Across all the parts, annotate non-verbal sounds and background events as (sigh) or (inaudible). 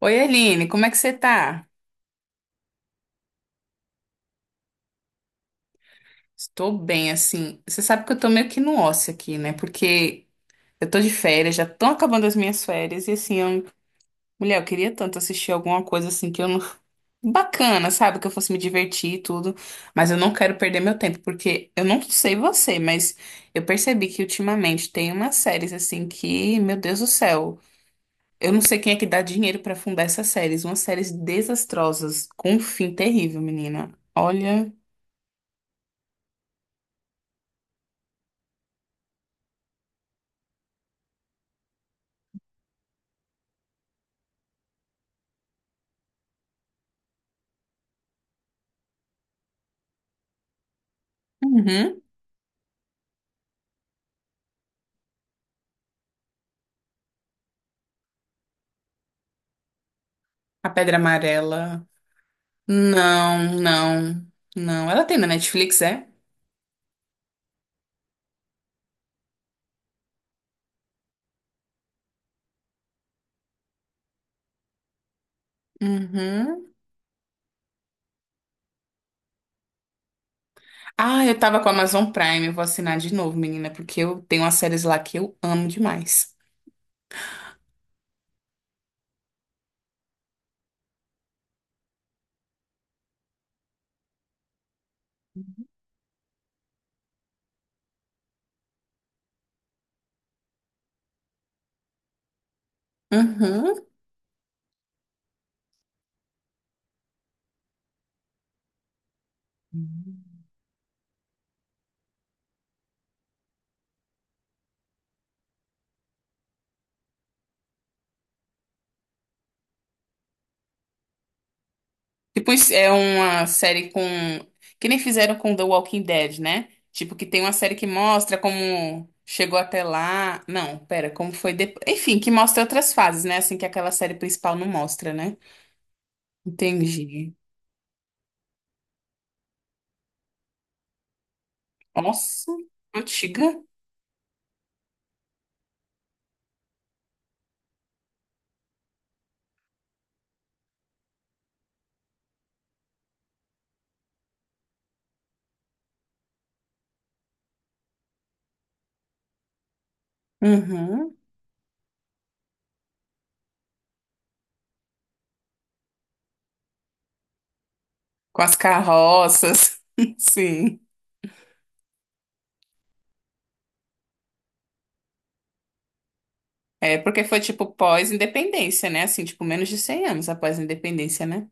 Oi, Aline, como é que você tá? Estou bem, assim. Você sabe que eu tô meio que no ócio aqui, né? Porque eu tô de férias, já estão acabando as minhas férias, e assim, eu... mulher, eu queria tanto assistir alguma coisa assim que eu não. (laughs) Bacana, sabe? Que eu fosse me divertir e tudo. Mas eu não quero perder meu tempo, porque eu não sei você, mas eu percebi que ultimamente tem umas séries assim que, meu Deus do céu. Eu não sei quem é que dá dinheiro pra fundar essas séries. Umas séries desastrosas, com um fim terrível, menina. Olha. Uhum. A Pedra Amarela. Não, não, não. Ela tem na Netflix, é? Uhum. Ah, eu tava com a Amazon Prime. Eu vou assinar de novo, menina, porque eu tenho umas séries lá que eu amo demais. Uhum. Tipo, isso é uma série com. Que nem fizeram com The Walking Dead, né? Tipo, que tem uma série que mostra como chegou até lá. Não, pera, como foi depois. Enfim, que mostra outras fases, né? Assim que aquela série principal não mostra, né? Entendi. Nossa, antiga. Uhum. Com as carroças. (laughs) Sim. É, porque foi tipo pós-independência, né? Assim, tipo, menos de 100 anos após a independência, né?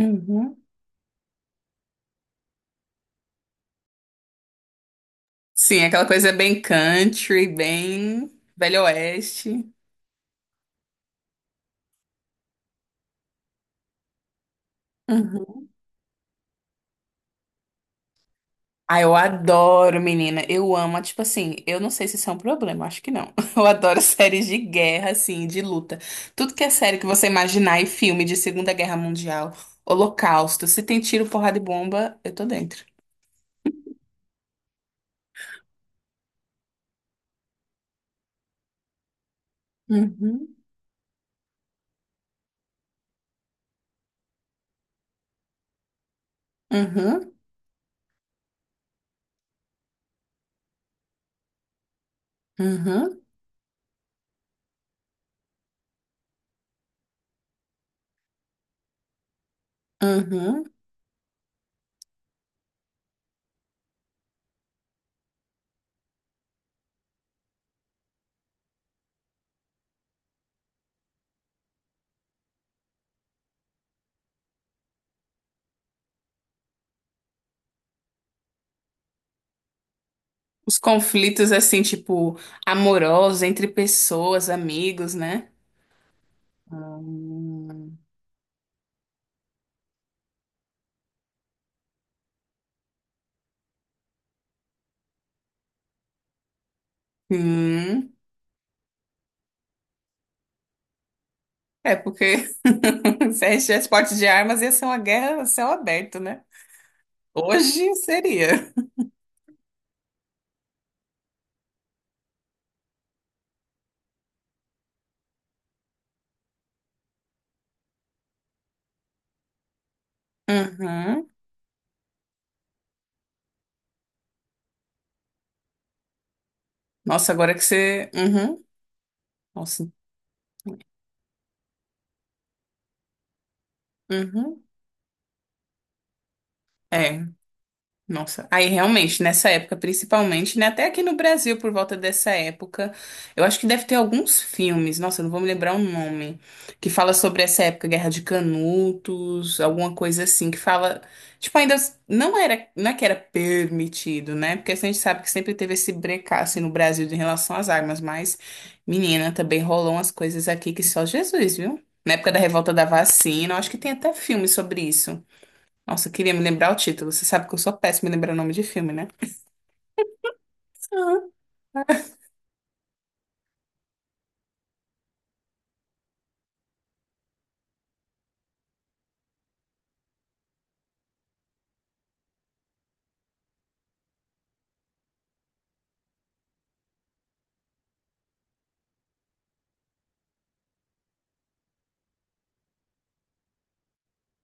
Uhum. Sim, aquela coisa bem country, bem velho oeste. Uhum. Ah, eu adoro, menina. Eu amo, tipo assim, eu não sei se isso é um problema, acho que não. (laughs) Eu adoro séries de guerra, assim, de luta. Tudo que é série que você imaginar e filme de Segunda Guerra Mundial, Holocausto, se tem tiro, porrada e bomba, eu tô dentro. Uhum. Uhum. Uhum, uhum. Os conflitos, assim, tipo, amorosos entre pessoas, amigos, né? Hum. Hum. É porque (laughs) se a gente tivesse porte de armas, ia ser uma guerra a céu aberto, né? Hoje seria. Uhum. Nossa, agora que você. Uhum. Nossa. Uhum. É. Nossa, aí realmente, nessa época, principalmente, né? Até aqui no Brasil, por volta dessa época, eu acho que deve ter alguns filmes, nossa, eu não vou me lembrar o nome, que fala sobre essa época, Guerra de Canutos, alguma coisa assim, que fala, tipo, ainda não era, não é que era permitido, né? Porque assim, a gente sabe que sempre teve esse brecaço no Brasil em relação às armas, mas, menina, também rolou umas coisas aqui que só Jesus, viu? Na época da revolta da vacina, eu acho que tem até filme sobre isso. Nossa, eu queria me lembrar o título. Você sabe que eu sou péssima em lembrar o nome de filme, né?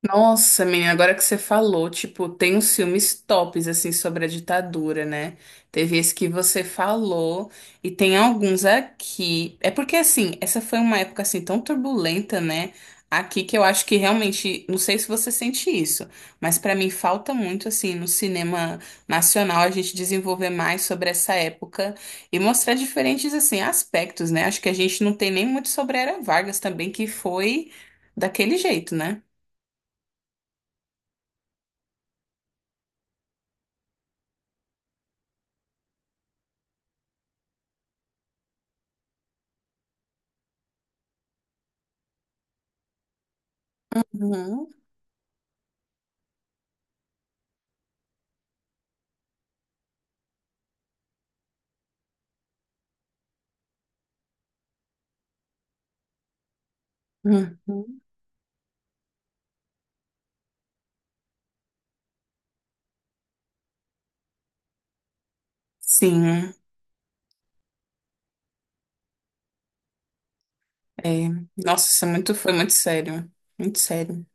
Nossa, menina, agora que você falou, tipo, tem uns filmes tops, assim, sobre a ditadura, né? Teve esse que você falou, e tem alguns aqui. É porque, assim, essa foi uma época, assim, tão turbulenta, né? Aqui que eu acho que realmente, não sei se você sente isso, mas pra mim falta muito, assim, no cinema nacional a gente desenvolver mais sobre essa época e mostrar diferentes, assim, aspectos, né? Acho que a gente não tem nem muito sobre a Era Vargas também, que foi daquele jeito, né? Uhum. Uhum. Sim, é. É. Nossa, isso é muito, foi muito sério. Muito sério.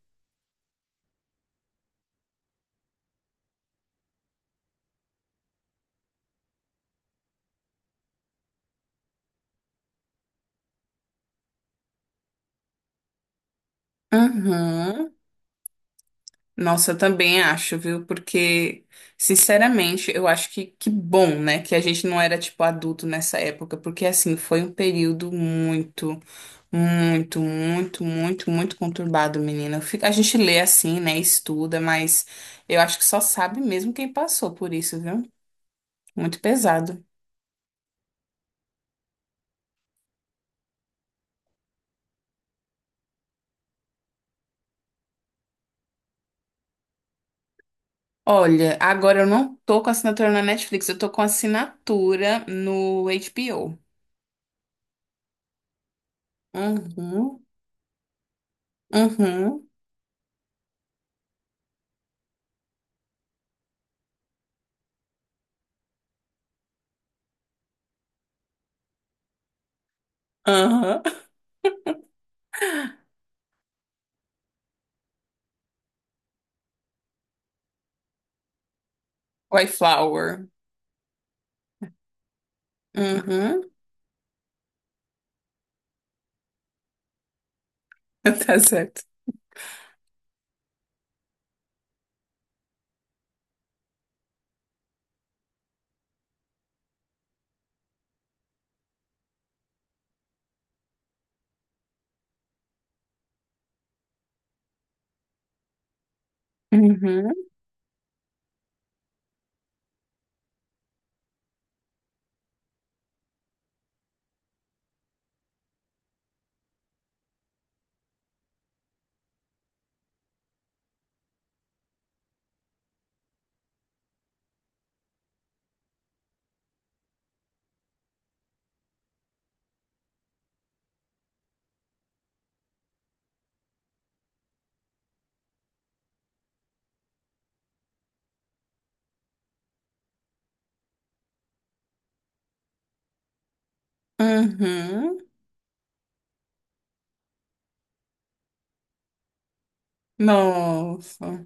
Uhum. Nossa, eu também acho, viu? Porque, sinceramente, eu acho que bom, né? Que a gente não era, tipo, adulto nessa época. Porque, assim, foi um período muito, muito, muito, muito, muito conturbado, menina. Fica- A gente lê assim, né? Estuda, mas eu acho que só sabe mesmo quem passou por isso, viu? Muito pesado. Olha, agora eu não tô com assinatura na Netflix, eu tô com assinatura no HBO. Uhum, uhum, aham. Wildflower. Uhum, (laughs) tá certo. Uhum, uhum. Nossa.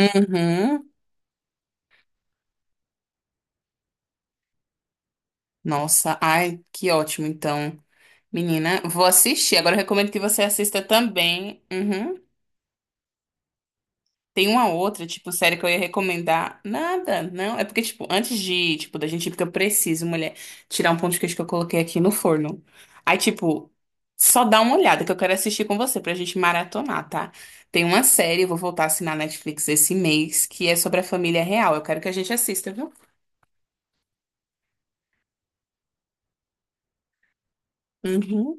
Uhum. Nossa, ai, que ótimo, então. Menina, vou assistir. Agora eu recomendo que você assista também. Uhum. Tem uma outra, tipo, série que eu ia recomendar. Nada, não. É porque, tipo, antes de, tipo, da gente ir, porque eu preciso, mulher, tirar um pão de queijo que eu coloquei aqui no forno. Aí, tipo, só dá uma olhada que eu quero assistir com você pra gente maratonar, tá? Tem uma série, eu vou voltar a assinar Netflix esse mês, que é sobre a família real. Eu quero que a gente assista, viu? Uhum,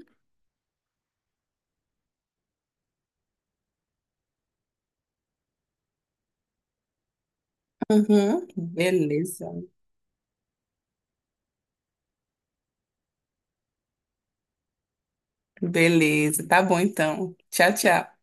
uhum. Beleza. Beleza. Tá bom, então. Tchau, tchau.